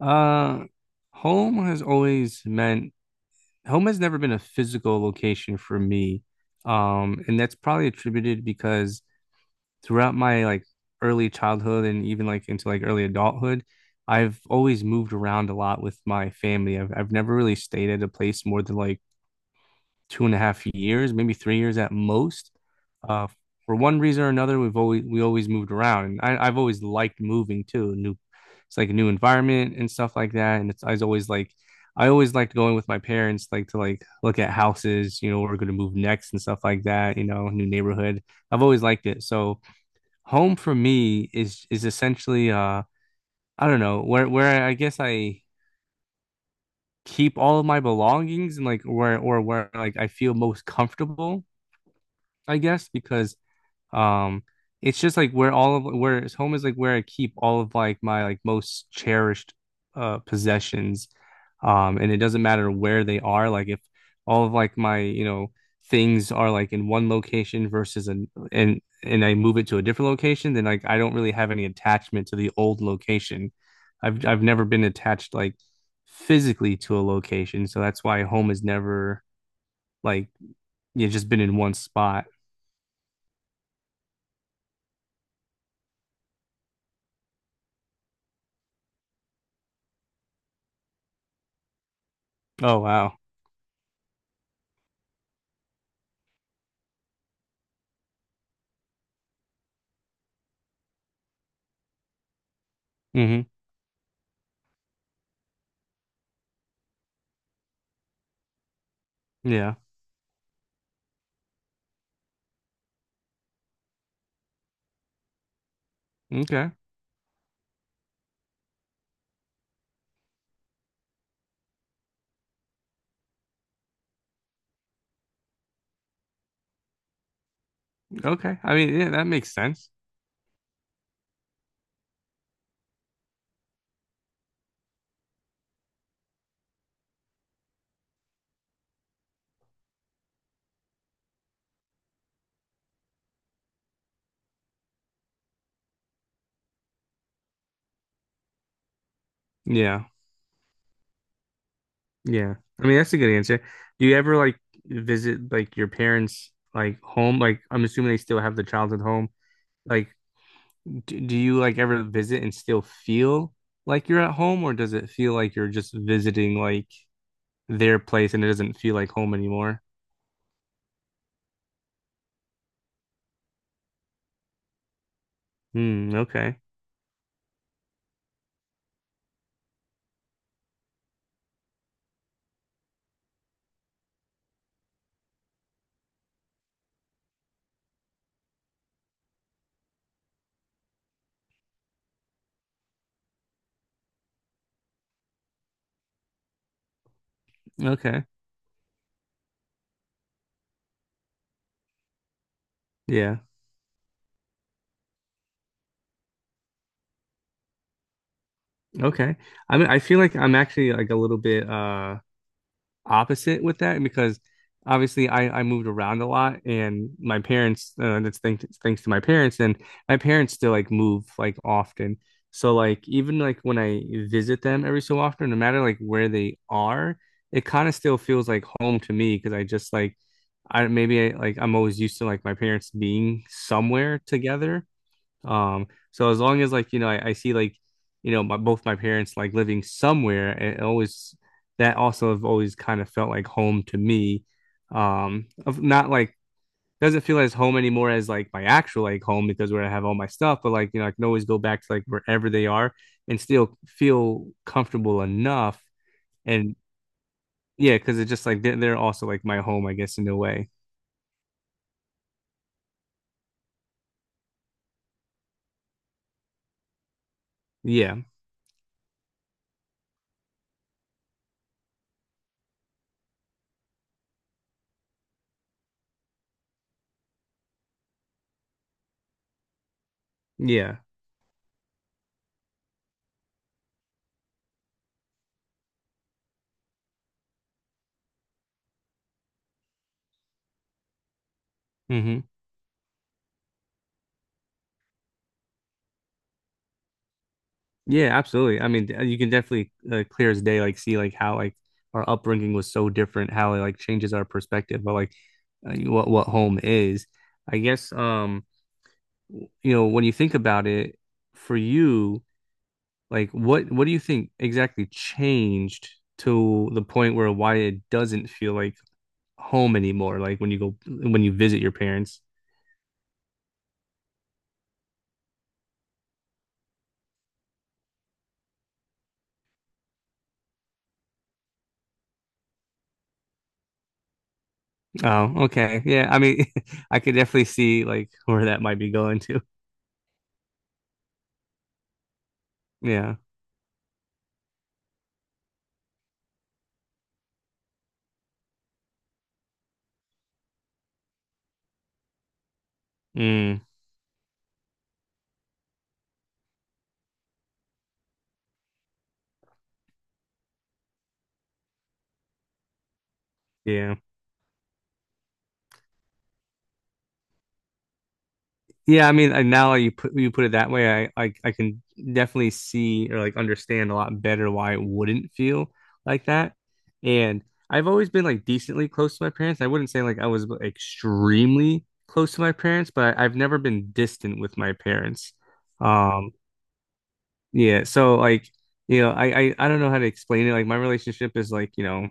Uh, home has always meant Home has never been a physical location for me. And that's probably attributed because throughout my like early childhood and even like into like early adulthood, I've always moved around a lot with my family. I've never really stayed at a place more than like 2.5 years, maybe 3 years at most. Uh, for one reason or another, we always moved around, and I've always liked moving too. It's like a new environment and stuff like that. And it's I always liked going with my parents, like to like look at houses, where we're going to move next and stuff like that. New neighborhood. I've always liked it. So home for me is essentially I don't know where I guess I keep all of my belongings and like where like I feel most comfortable I guess, because um it's just like where all of where it's home is like where I keep all of like my like most cherished possessions. And it doesn't matter where they are. Like if all of like my, things are like in one location versus an and I move it to a different location, then like I don't really have any attachment to the old location. I've never been attached like physically to a location, so that's why home has never like you just been in one spot. Oh wow. Hmm. Yeah. Okay. Okay. I mean, yeah, that makes sense. Yeah. Yeah. I mean, that's a good answer. Do you ever like visit like your parents' like home? Like, I'm assuming they still have the childhood home. Like, do you like ever visit and still feel like you're at home, or does it feel like you're just visiting like their place and it doesn't feel like home anymore? Hmm. Okay. Okay. Yeah. Okay. I mean, I feel like I'm actually like a little bit opposite with that because obviously I moved around a lot and my parents that's thanks to my parents and my parents still like move like often, so like even like when I visit them every so often, no matter like where they are, it kind of still feels like home to me because I just like I maybe I, like I'm always used to like my parents being somewhere together, so as long as like, I see like, my both my parents like living somewhere, it always that also have always kind of felt like home to me. Of not like doesn't feel as home anymore as like my actual like home because where I have all my stuff, but like, I can always go back to like wherever they are and still feel comfortable enough. And yeah, because it's just like they're also like my home, I guess, in a way. Yeah. Yeah. Hmm. Yeah, absolutely. I mean, you can definitely clear as day, like see like how like our upbringing was so different, how it like changes our perspective, but like what home is. I guess you know when you think about it, for you, like what do you think exactly changed to the point where why it doesn't feel like home anymore? Like when you visit your parents. Oh, okay. Yeah, I mean, I could definitely see like where that might be going to. Yeah. Mm, yeah. Yeah, I mean, now you put it that way, I can definitely see or like understand a lot better why it wouldn't feel like that. And I've always been like decently close to my parents. I wouldn't say like I was extremely close to my parents, but I've never been distant with my parents. Um, yeah, so like I don't know how to explain it. Like my relationship is like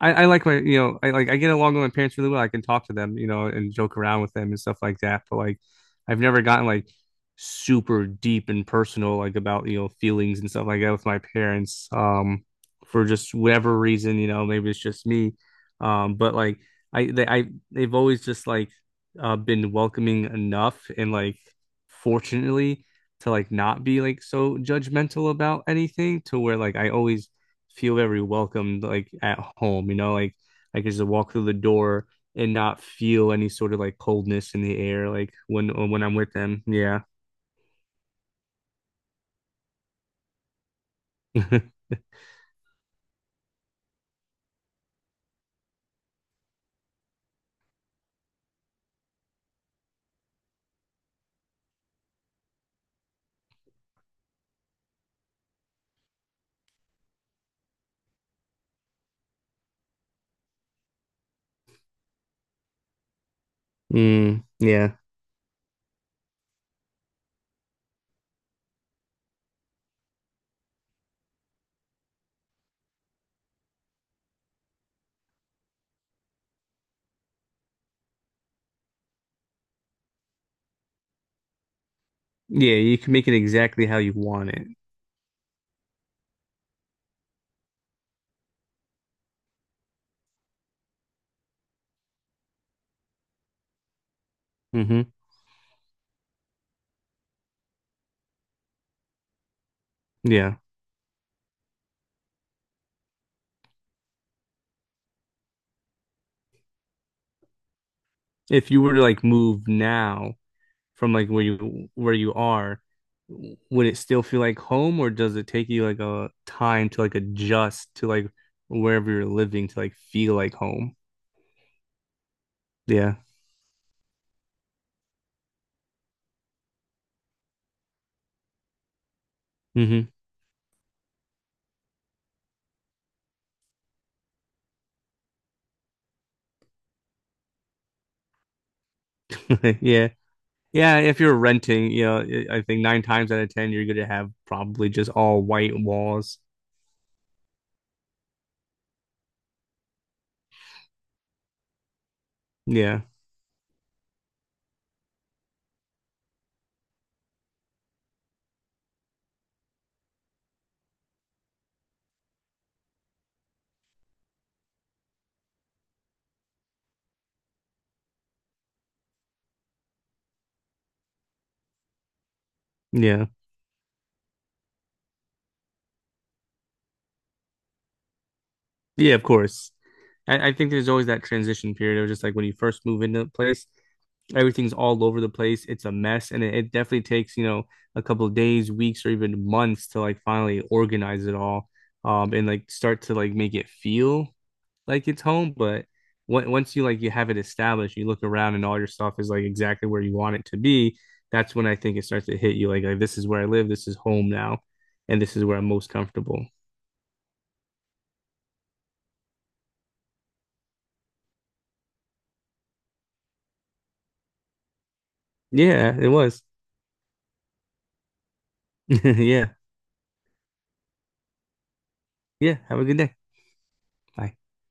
I like my, I get along with my parents really well. I can talk to them, and joke around with them and stuff like that. But like, I've never gotten like super deep and personal, like about feelings and stuff like that with my parents. For just whatever reason, maybe it's just me. But like I, they, I, they've always just like been welcoming enough and like fortunately to like not be like so judgmental about anything to where like I always feel very welcomed like at home, like I could just walk through the door and not feel any sort of like coldness in the air like when I'm with them. Yeah. Mm, yeah. Yeah, you can make it exactly how you want it. Hmm. Yeah. If you were to like move now from like where you are, would it still feel like home or does it take you like a time to like adjust to like wherever you're living to like feel like home? Yeah. Hmm. Yeah. Yeah, if you're renting, I think nine times out of ten, you're gonna have probably just all white walls. Yeah, yeah, yeah. Of course, I think there's always that transition period of just like when you first move into a place, everything's all over the place. It's a mess, and it definitely takes, a couple of days, weeks, or even months to like finally organize it all, and like start to like make it feel like it's home, but once you have it established, you look around and all your stuff is like exactly where you want it to be. That's when I think it starts to hit you like this is where I live, this is home now, and this is where I'm most comfortable. Yeah, it was. Yeah. Yeah. Have a good day. Bye.